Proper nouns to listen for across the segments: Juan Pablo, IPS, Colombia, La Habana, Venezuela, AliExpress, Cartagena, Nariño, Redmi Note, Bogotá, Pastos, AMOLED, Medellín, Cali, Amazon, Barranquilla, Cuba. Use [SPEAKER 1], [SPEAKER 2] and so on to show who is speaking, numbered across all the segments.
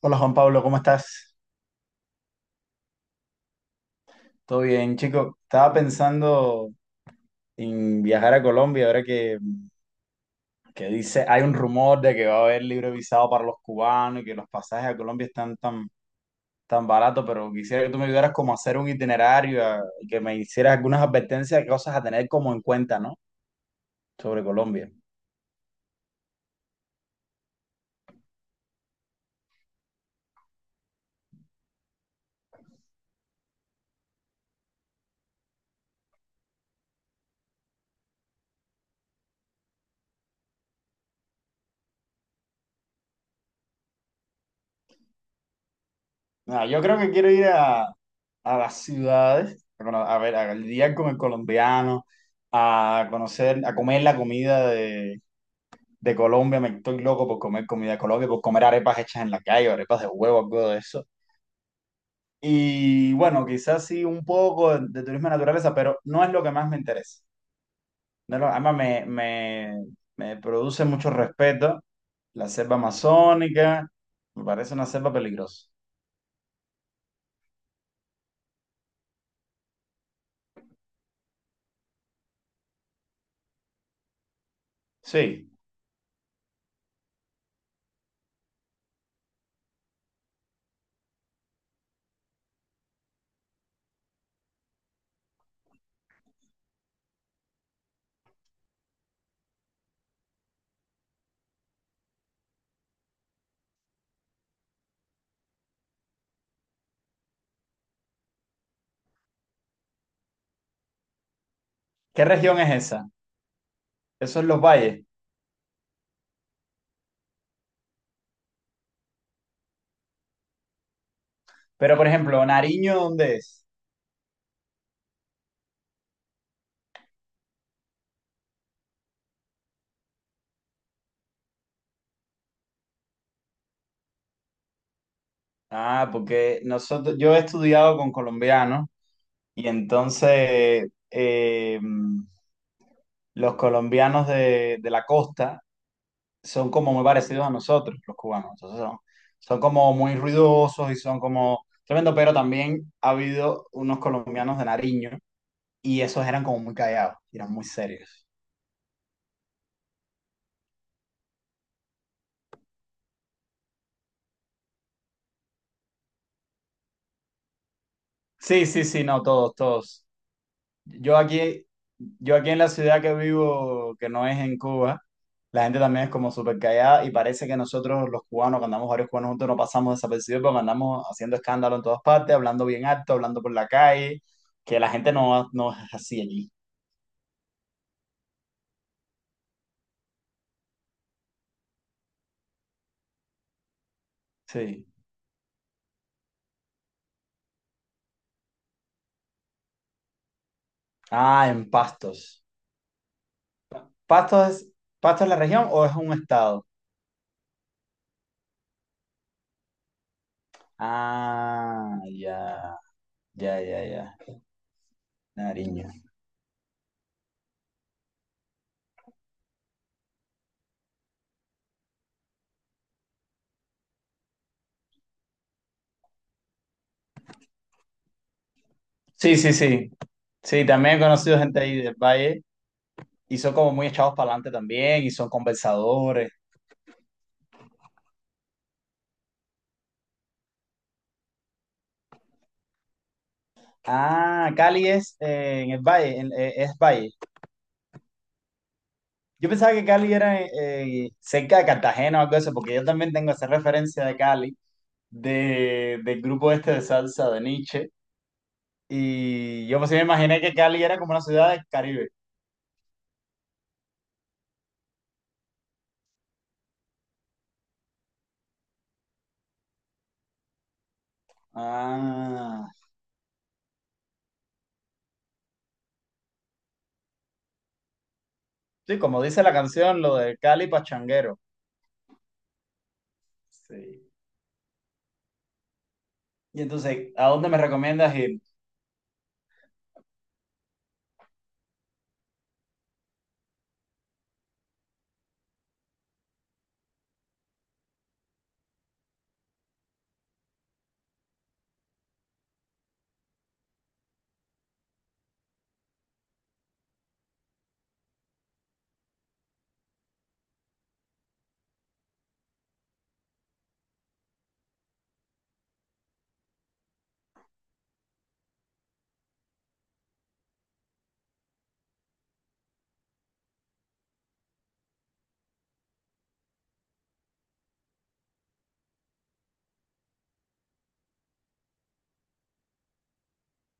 [SPEAKER 1] Hola Juan Pablo, ¿cómo estás? ¿Todo bien, chico? Estaba pensando en viajar a Colombia ahora que dice, hay un rumor de que va a haber libre visado para los cubanos y que los pasajes a Colombia están tan baratos, pero quisiera que tú me ayudaras como a hacer un itinerario y que me hicieras algunas advertencias de cosas a tener como en cuenta, ¿no? Sobre Colombia. Nada, yo creo que quiero ir a las ciudades, bueno, a ver, a lidiar con el colombiano, a conocer, a comer la comida de Colombia, me estoy loco por comer comida de Colombia, por comer arepas hechas en la calle, arepas de huevo, algo de eso. Y bueno, quizás sí un poco de turismo de naturaleza, pero no es lo que más me interesa. No es lo- Además, me produce mucho respeto la selva amazónica, me parece una selva peligrosa. Sí. ¿Qué región es esa? Eso es los valles. Pero, por ejemplo, Nariño, ¿dónde es? Ah, porque nosotros, yo he estudiado con colombianos y entonces, los colombianos de la costa son como muy parecidos a nosotros, los cubanos. Entonces son, son como muy ruidosos y son como tremendo, pero también ha habido unos colombianos de Nariño y esos eran como muy callados, eran muy serios. Sí, sí, sí, no, todos, todos. Yo aquí, yo aquí en la ciudad que vivo, que no es en Cuba, la gente también es como súper callada y parece que nosotros los cubanos, cuando andamos varios cubanos juntos, no pasamos desapercibidos porque andamos haciendo escándalo en todas partes, hablando bien alto, hablando por la calle, que la gente no es así allí. Sí. Ah, en Pastos. ¿Pastos es, ¿Pastos es la región o es un estado? Ah, ya, ya, ya, ya. Nariño. Sí, sí, sí. Sí, también he conocido gente ahí del valle. Y son como muy echados para adelante también y son conversadores. Ah, Cali es en el valle, es valle. Yo pensaba que Cali era cerca de Cartagena o algo así, porque yo también tengo esa referencia de Cali, del grupo este de salsa de Nietzsche. Y yo pues sí me imaginé que Cali era como una ciudad del Caribe. Ah, sí, como dice la canción, lo de Cali pachanguero. Sí. Y entonces, ¿a dónde me recomiendas ir?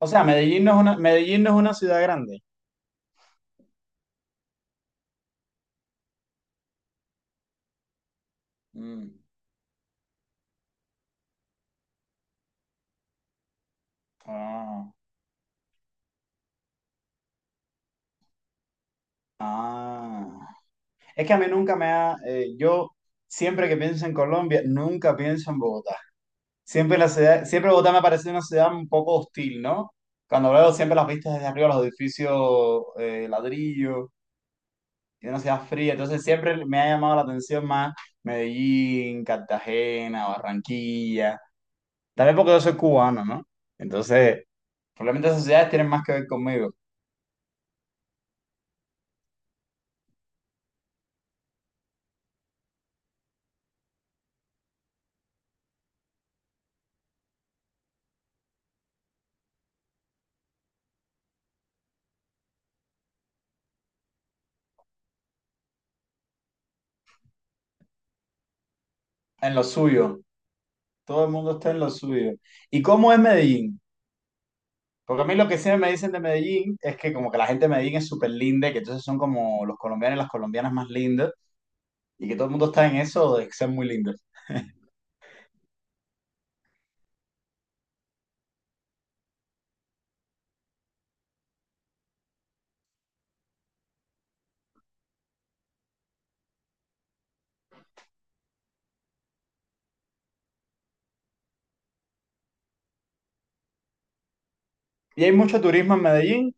[SPEAKER 1] O sea, Medellín no es una ciudad grande. Mm. Ah. Ah, es que a mí nunca me ha, yo siempre que pienso en Colombia, nunca pienso en Bogotá. Siempre Bogotá me ha parecido una ciudad un poco hostil, ¿no? Cuando veo siempre las vistas desde arriba, los edificios ladrillo, y una ciudad fría, entonces siempre me ha llamado la atención más Medellín, Cartagena, Barranquilla. También porque yo soy cubano, ¿no? Entonces, probablemente esas ciudades tienen más que ver conmigo, en lo suyo. Todo el mundo está en lo suyo. ¿Y cómo es Medellín? Porque a mí lo que siempre me dicen de Medellín es que como que la gente de Medellín es súper linda, que entonces son como los colombianos y las colombianas más lindas, y que todo el mundo está en eso de ser muy lindos. Y hay mucho turismo en Medellín,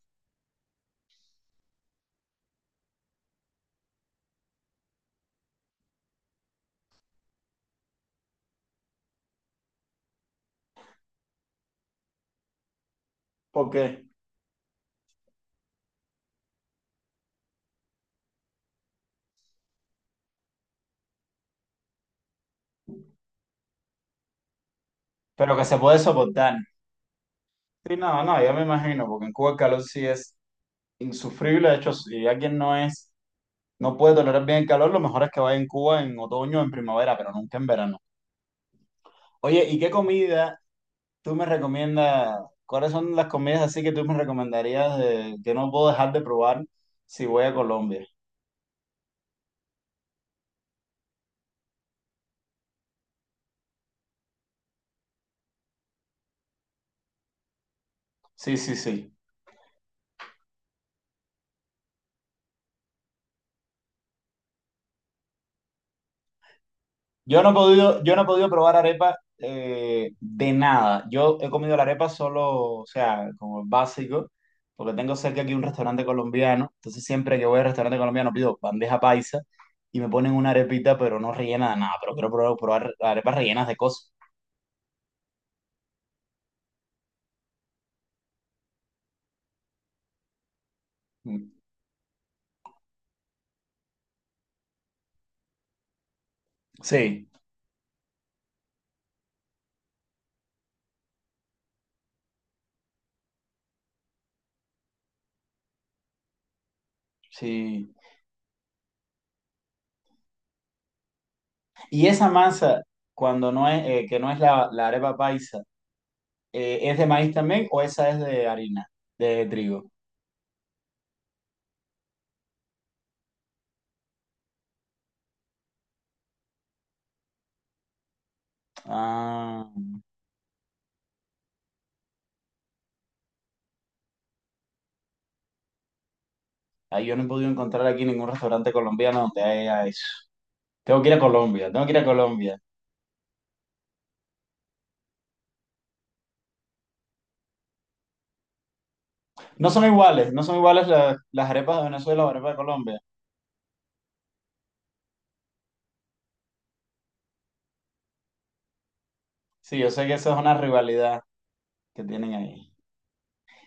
[SPEAKER 1] ¿por qué? Pero que se puede soportar. Sí, no, no, yo me imagino, porque en Cuba el calor sí es insufrible, de hecho, si alguien no es, no puede tolerar bien el calor, lo mejor es que vaya en Cuba en otoño o en primavera, pero nunca en verano. Oye, ¿y qué comida tú me recomiendas, ¿cuáles son las comidas así que tú me recomendarías que no puedo dejar de probar si voy a Colombia? Sí, sí, sí. Yo no he podido probar arepa de nada. Yo he comido la arepa solo, o sea, como básico, porque tengo cerca aquí un restaurante colombiano. Entonces siempre que voy al restaurante colombiano pido bandeja paisa y me ponen una arepita, pero no rellena de nada. Pero quiero probar, probar arepas rellenas de cosas. Mm. Sí, sí. Y esa masa, cuando no es, que no es la arepa paisa, ¿es de maíz también o esa es de harina, de trigo? Ah, ah, yo no he podido encontrar aquí ningún restaurante colombiano donde haya eso. Tengo que ir a Colombia, tengo que ir a Colombia. No son iguales, no son iguales las arepas de Venezuela o las arepas de Colombia. Sí, yo sé que eso es una rivalidad que tienen ahí.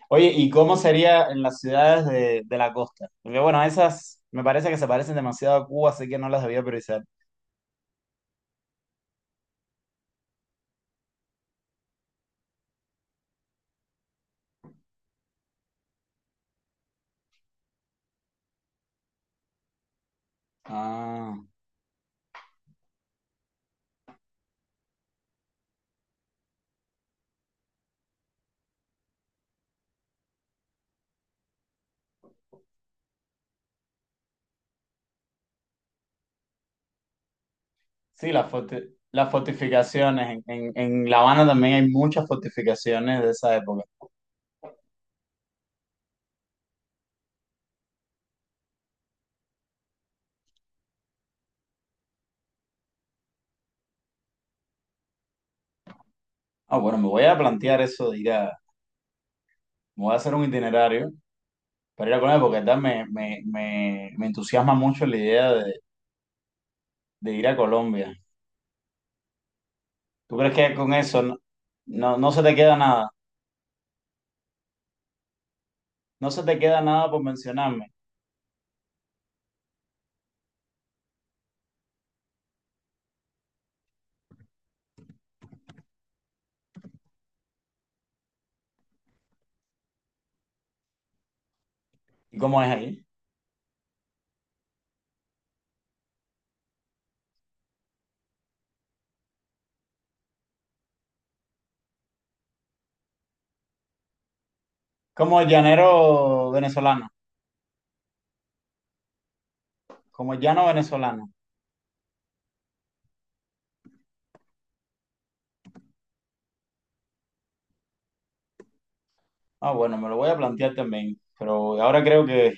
[SPEAKER 1] Oye, ¿y cómo sería en las ciudades de la costa? Porque bueno, esas me parece que se parecen demasiado a Cuba, así que no las debía priorizar. Ah. Sí, las fortificaciones. En La Habana también hay muchas fortificaciones de esa época. Ah, bueno, me voy a plantear eso de ir a... Me voy a hacer un itinerario para ir a Colombia porque verdad me entusiasma mucho la idea de ir a Colombia. ¿Tú crees que con eso no se te queda nada? No se te queda nada por mencionarme. ¿Y cómo es ahí? Como llanero venezolano, como llano venezolano. Ah, bueno, me lo voy a plantear también, pero ahora creo que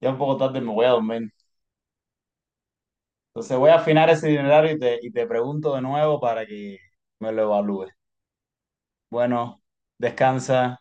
[SPEAKER 1] ya un poco tarde me voy a dormir. Entonces voy a afinar ese itinerario y te pregunto de nuevo para que me lo evalúes. Bueno, descansa.